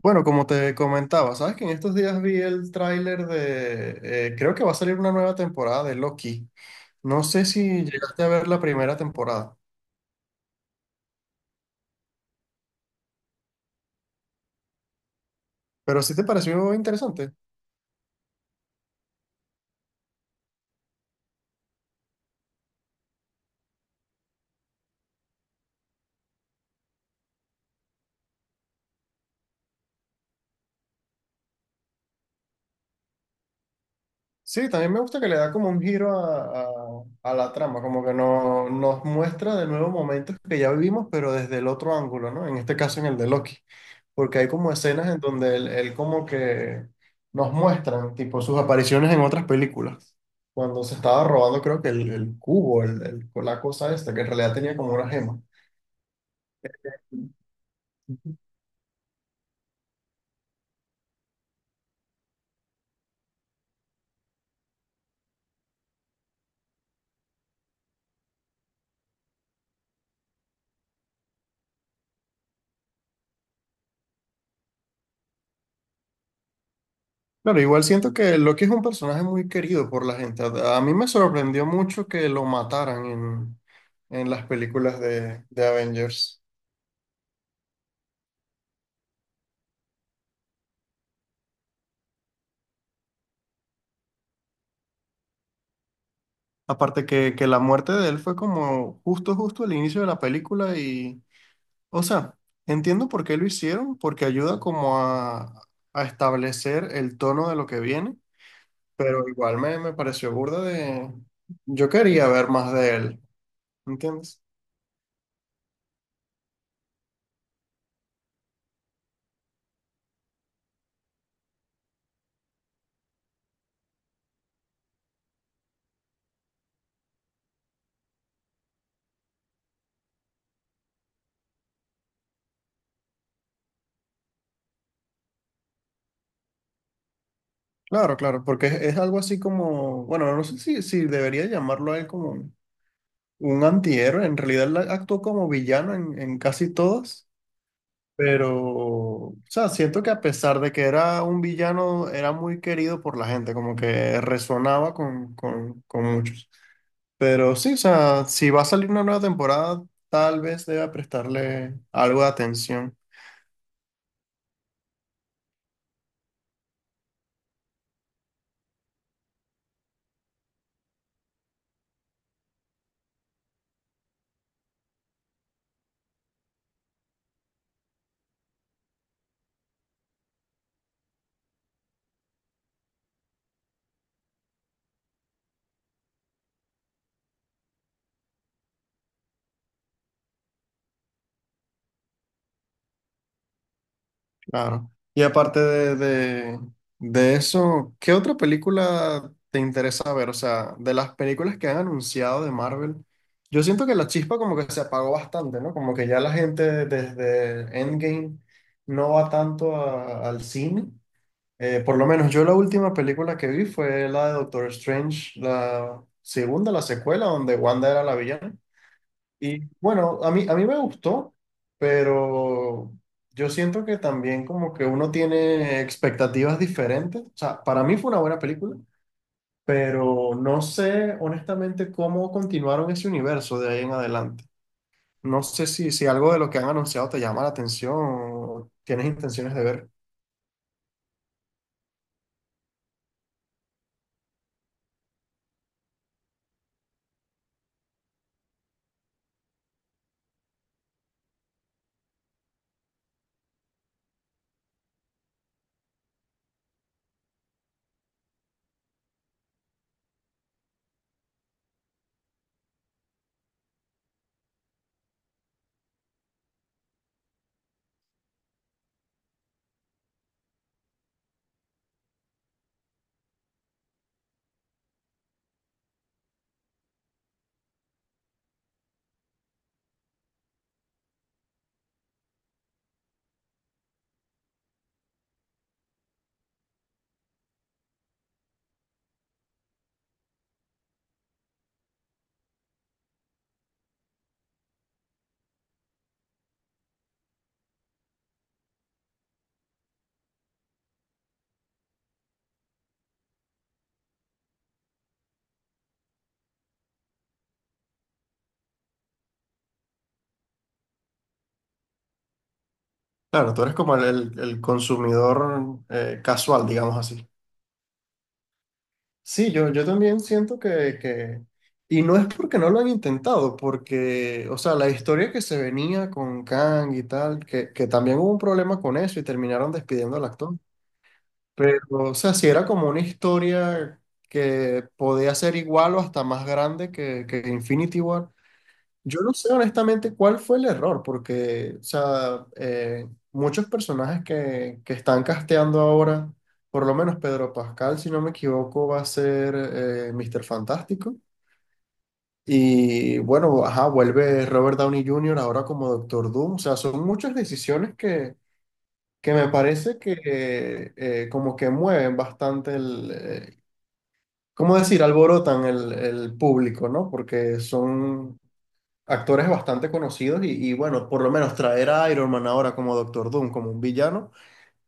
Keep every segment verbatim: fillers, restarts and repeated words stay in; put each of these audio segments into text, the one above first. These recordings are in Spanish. Bueno, como te comentaba, sabes que en estos días vi el tráiler de, eh, creo que va a salir una nueva temporada de Loki. No sé si llegaste a ver la primera temporada, pero sí te pareció interesante. Sí, también me gusta que le da como un giro a, a- a la trama, como que no, nos muestra de nuevo momentos que ya vivimos, pero desde el otro ángulo, ¿no? En este caso en el de Loki. Porque hay como escenas en donde él, él como que nos muestran, tipo, sus apariciones en otras películas. Cuando se estaba robando, creo que el, el cubo, el, el- la cosa esta, que en realidad tenía como una gema. Claro, igual siento que Loki es un personaje muy querido por la gente. A a mí me sorprendió mucho que lo mataran en, en las películas de, de Avengers. Aparte que, que la muerte de él fue como justo, justo al inicio de la película. O sea, entiendo por qué lo hicieron, porque ayuda como a, a establecer el tono de lo que viene, pero igual me, me pareció burda de... Yo quería ver más de él, ¿entiendes? Claro, claro, porque es, es algo así como, bueno, no sé si, si debería llamarlo a él como un antihéroe, en realidad él actuó como villano en, en casi todas, pero, o sea, siento que a pesar de que era un villano, era muy querido por la gente, como que resonaba con, con, con muchos. Pero sí, o sea, si va a salir una nueva temporada, tal vez deba prestarle algo de atención, claro. Y aparte de, de, de eso, ¿qué otra película te interesa ver? O sea, de las películas que han anunciado de Marvel, yo siento que la chispa como que se apagó bastante, ¿no? Como que ya la gente desde Endgame no va tanto a- al cine. Eh, por lo menos yo la última película que vi fue la de Doctor Strange, la segunda, la secuela, donde Wanda era la villana. Y bueno, a mí, a mí me gustó, pero yo siento que también como que uno tiene expectativas diferentes. O sea, para mí fue una buena película, pero no sé honestamente cómo continuaron ese universo de ahí en adelante. No sé si, si algo de lo que han anunciado te llama la atención o tienes intenciones de ver. Claro, tú eres como el, el- el consumidor eh, casual, digamos así. Sí, yo, yo también siento que, que- y no es porque no lo han intentado, porque, o sea, la historia que se venía con Kang y tal, que, que también hubo un problema con eso y terminaron despidiendo al actor. Pero, o sea, si era como una historia que podía ser igual o hasta más grande que, que Infinity War, yo no sé honestamente cuál fue el error, porque, o sea, eh, muchos personajes que, que están casteando ahora, por lo menos Pedro Pascal, si no me equivoco, va a ser eh, Mister Fantástico. Y bueno, ajá, vuelve Robert Downey Junior ahora como Doctor Doom. O sea, son muchas decisiones que, que me parece que eh, como que mueven bastante el, eh, ¿cómo decir? Alborotan el, el público, ¿no? Porque son actores bastante conocidos y, y, bueno, por lo menos traer a Iron Man ahora como Doctor Doom, como un villano,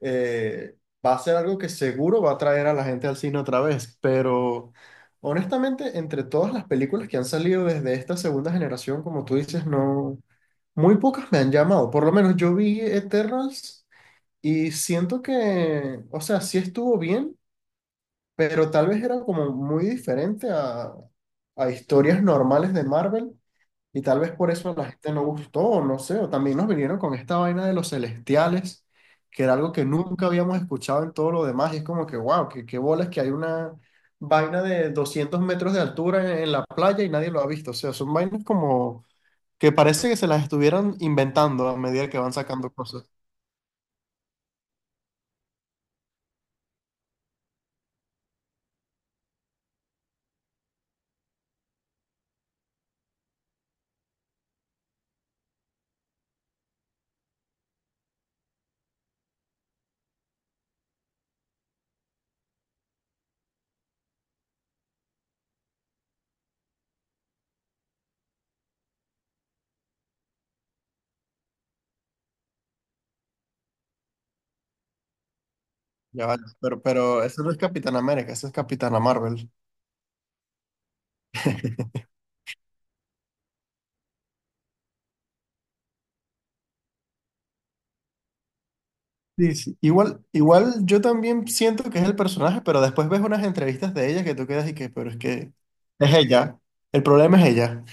eh, va a ser algo que seguro va a traer a la gente al cine otra vez, pero honestamente, entre todas las películas que han salido desde esta segunda generación, como tú dices, no, muy pocas me han llamado, por lo menos yo vi Eternals y siento que, o sea, sí estuvo bien, pero tal vez era como muy diferente a a historias normales de Marvel. Y tal vez por eso a la gente no gustó, o no sé, o también nos vinieron con esta vaina de los celestiales, que era algo que nunca habíamos escuchado en todo lo demás, y es como que, wow, qué, qué bolas que hay una vaina de doscientos metros de altura en, en la playa y nadie lo ha visto, o sea, son vainas como que parece que se las estuvieran inventando a medida que van sacando cosas. Ya vale, pero, pero eso no es Capitán América, eso es Capitana Marvel. Sí, sí. Igual, igual yo también siento que es el personaje, pero después ves unas entrevistas de ella que tú quedas y que, pero es que es ella. El problema es ella.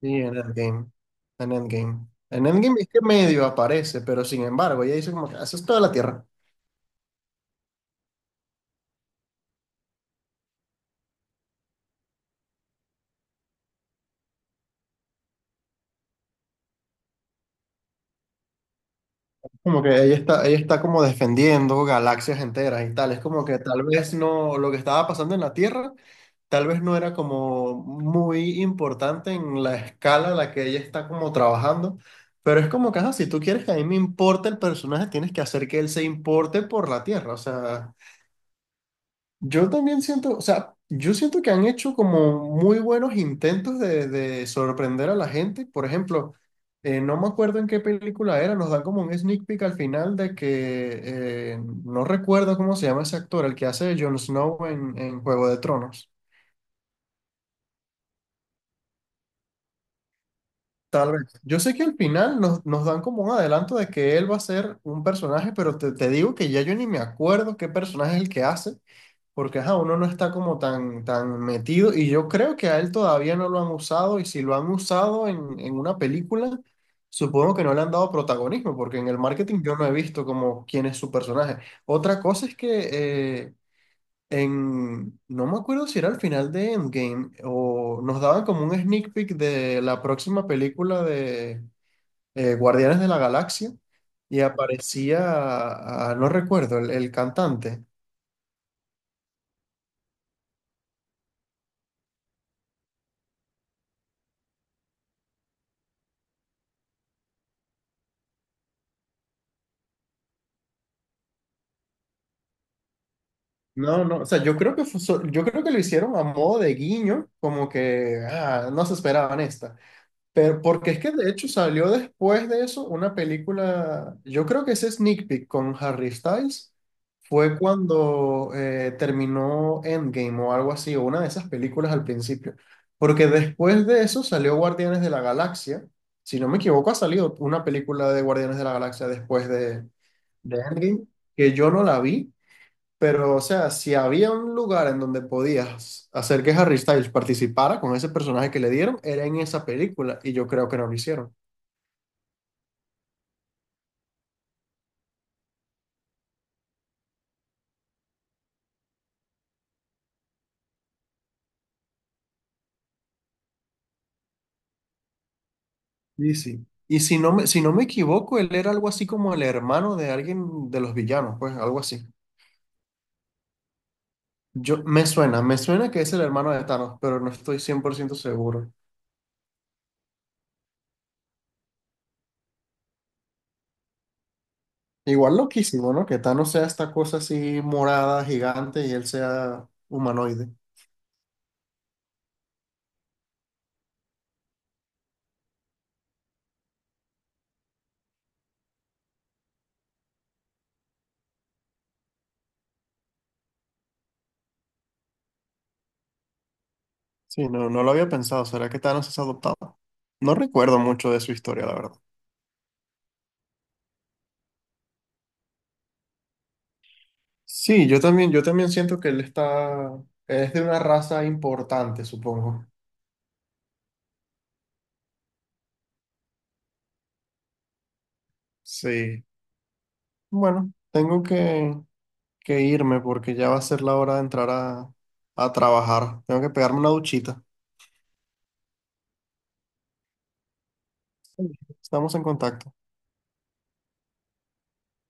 Sí, en Endgame. En Endgame. En Endgame es que medio aparece, pero sin embargo, ella dice como que haces toda la tierra. Como que ella está, ella está como defendiendo galaxias enteras y tal. Es como que tal vez no, lo que estaba pasando en la Tierra, tal vez no era como muy importante en la escala a la que ella está como trabajando. Pero es como que, ajá, si tú quieres que a mí me importe el personaje, tienes que hacer que él se importe por la Tierra. O sea, yo también siento, o sea, yo siento que han hecho como muy buenos intentos de, de sorprender a la gente. Por ejemplo, eh, no me acuerdo en qué película era, nos dan como un sneak peek al final de que eh, no recuerdo cómo se llama ese actor, el que hace de Jon Snow en, en Juego de Tronos. Tal vez. Yo sé que al final nos, nos dan como un adelanto de que él va a ser un personaje, pero te, te digo que ya yo ni me acuerdo qué personaje es el que hace. Porque ajá, uno no está como tan, tan metido y yo creo que a él todavía no lo han usado y si lo han usado en, en una película, supongo que no le han dado protagonismo porque en el marketing yo no he visto como quién es su personaje. Otra cosa es que eh, en, no me acuerdo si era al final de Endgame o nos daban como un sneak peek de la próxima película de eh, Guardianes de la Galaxia y aparecía, ah, no recuerdo, el el cantante. No, no, o sea, yo creo que fue so- yo creo que lo hicieron a modo de guiño, como que ah, no se esperaban esta. Pero porque es que de hecho salió después de eso una película, yo creo que ese sneak peek con Harry Styles fue cuando eh, terminó Endgame o algo así, o una de esas películas al principio. Porque después de eso salió Guardianes de la Galaxia. Si no me equivoco, ha salido una película de Guardianes de la Galaxia después de, de Endgame, que yo no la vi pero, o sea, si había un lugar en donde podías hacer que Harry Styles participara con ese personaje que le dieron, era en esa película, y yo creo que no lo hicieron. Y sí. Y si no me, si no me equivoco, él era algo así como el hermano de alguien de los villanos, pues algo así. Yo, me suena, me suena que es el hermano de Thanos, pero no estoy cien por ciento seguro. Igual loquísimo, ¿no? Que Thanos sea esta cosa así morada, gigante, y él sea humanoide. Sí, no, no lo había pensado. ¿Será que Thanos es adoptado? No recuerdo mucho de su historia, la verdad. Sí, yo también, yo también siento que él está, es de una raza importante, supongo. Sí. Bueno, tengo que, que irme porque ya va a ser la hora de entrar a, a trabajar. Tengo que pegarme una duchita. Sí. Estamos en contacto.